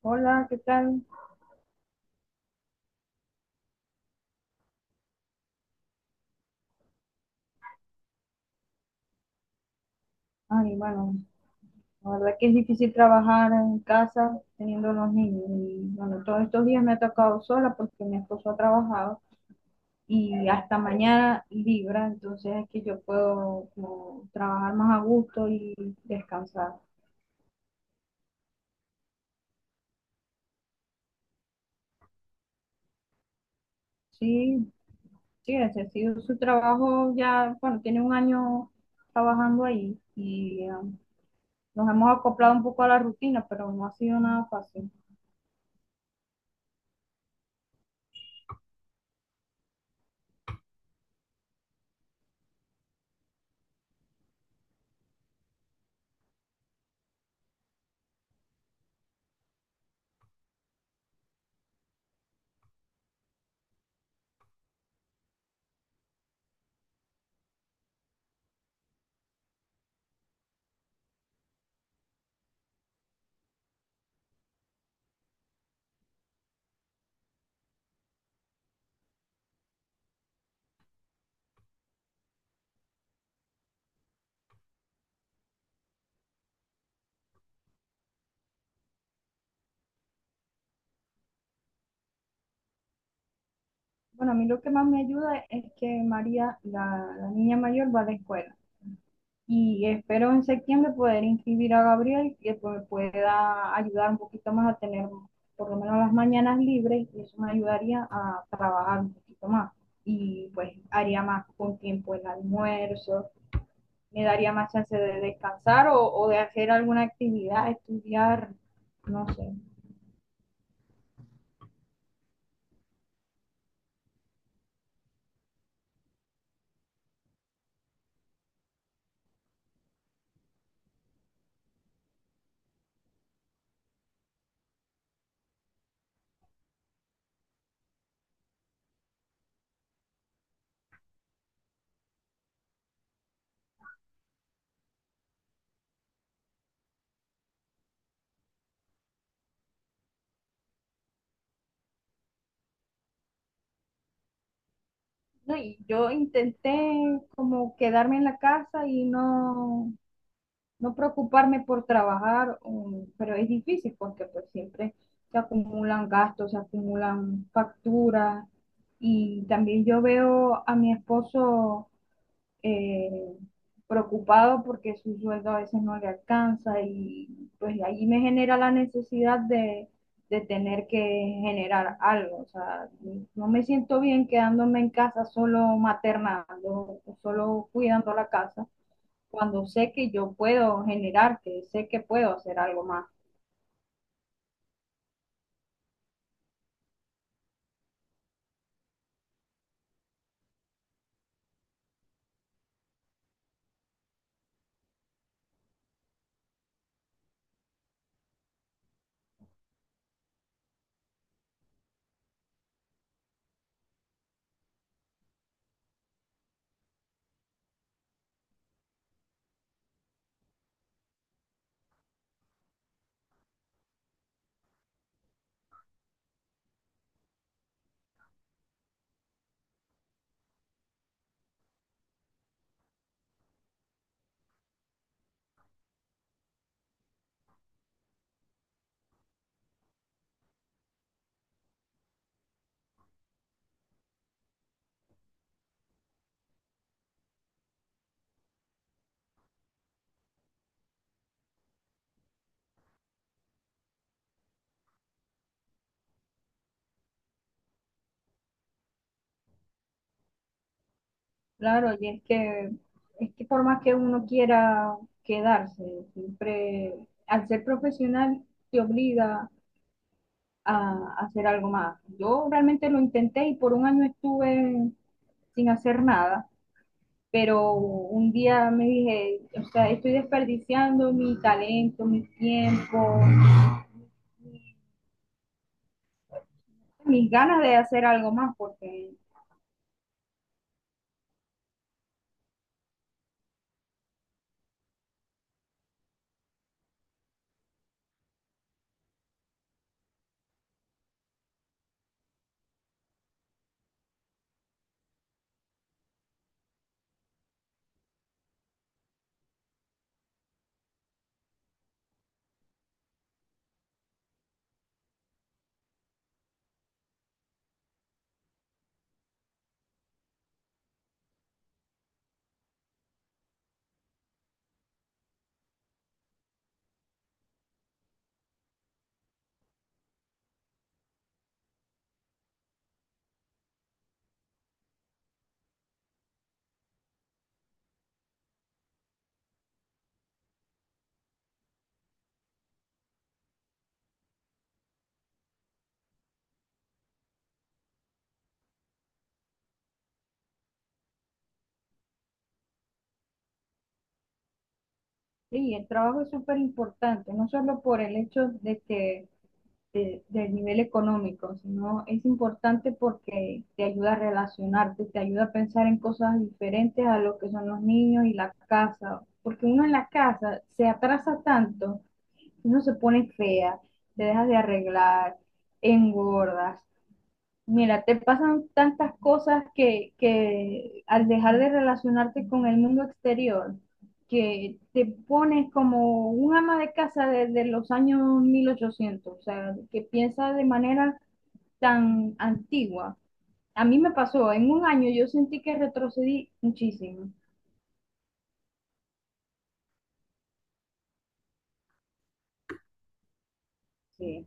Hola, ¿qué tal? Ay, bueno, la verdad que es difícil trabajar en casa teniendo los niños. Y bueno, todos estos días me ha tocado sola porque mi esposo ha trabajado y hasta mañana libra, entonces es que yo puedo como trabajar más a gusto y descansar. Sí, sí, ese ha sido su trabajo ya, bueno, tiene un año trabajando ahí y nos hemos acoplado un poco a la rutina, pero no ha sido nada fácil. Bueno, a mí lo que más me ayuda es que María, la niña mayor, va a la escuela. Y espero en septiembre poder inscribir a Gabriel, que pues pueda ayudar un poquito más a tener por lo menos las mañanas libres, y eso me ayudaría a trabajar un poquito más. Y pues haría más con tiempo el almuerzo, me daría más chance de descansar o de hacer alguna actividad, estudiar, no sé. No, y yo intenté como quedarme en la casa y no preocuparme por trabajar, pero es difícil porque pues siempre se acumulan gastos, se acumulan facturas y también yo veo a mi esposo eh, preocupado porque su sueldo a veces no le alcanza y pues ahí me genera la necesidad de tener que generar algo, o sea, no me siento bien quedándome en casa solo maternando, solo cuidando la casa cuando sé que yo puedo generar, que sé que puedo hacer algo más. Claro, y es que por más que uno quiera quedarse, siempre al ser profesional te obliga a hacer algo más. Yo realmente lo intenté y por un año estuve sin hacer nada, pero un día me dije, o sea, estoy desperdiciando mi talento, mi tiempo, mis ganas de hacer algo más, porque sí, el trabajo es súper importante, no solo por el hecho de que del nivel económico, sino es importante porque te ayuda a relacionarte, te ayuda a pensar en cosas diferentes a lo que son los niños y la casa, porque uno en la casa se atrasa tanto, uno se pone fea, te dejas de arreglar, engordas. Mira, te pasan tantas cosas que al dejar de relacionarte con el mundo exterior, que te pones como un ama de casa desde los años 1800, o sea, que piensa de manera tan antigua. A mí me pasó, en un año yo sentí que retrocedí muchísimo. Sí,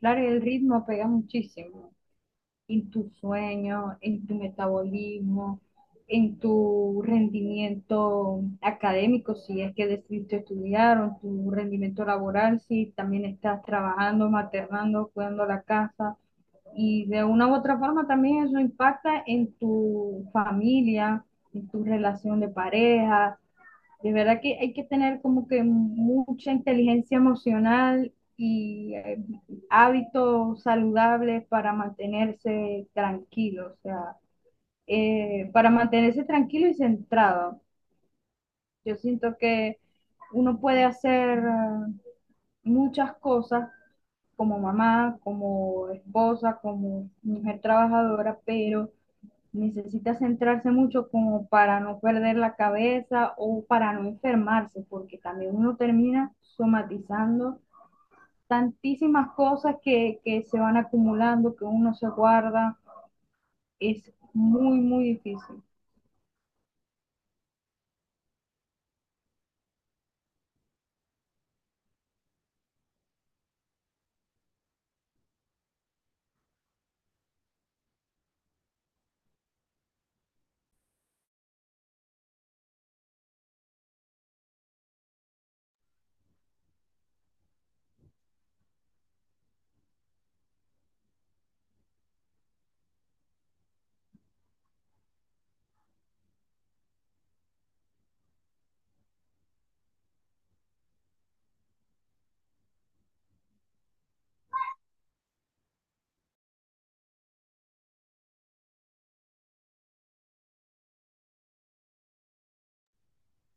claro, el ritmo pega muchísimo en tu sueño, en tu metabolismo, en tu rendimiento académico, si es que decidiste estudiar, o tu rendimiento laboral, si también estás trabajando, maternando, cuidando la casa. Y de una u otra forma también eso impacta en tu familia, en tu relación de pareja. De verdad que hay que tener como que mucha inteligencia emocional y hábitos saludables para mantenerse tranquilo, o sea, para mantenerse tranquilo y centrado. Yo siento que uno puede hacer muchas cosas como mamá, como esposa, como mujer trabajadora, pero necesita centrarse mucho como para no perder la cabeza o para no enfermarse, porque también uno termina somatizando tantísimas cosas que se van acumulando, que uno se guarda, es muy, muy difícil.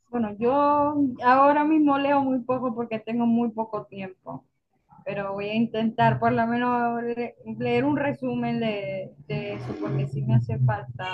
Bueno, yo ahora mismo leo muy poco porque tengo muy poco tiempo, pero voy a intentar por lo menos leer un resumen de eso, porque sí me hace falta.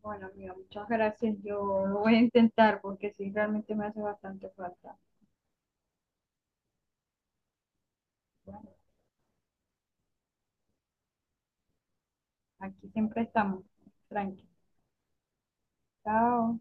Bueno, amiga, muchas gracias. Yo lo voy a intentar porque sí, realmente me hace bastante falta. Aquí siempre estamos. Tranqui. Chao.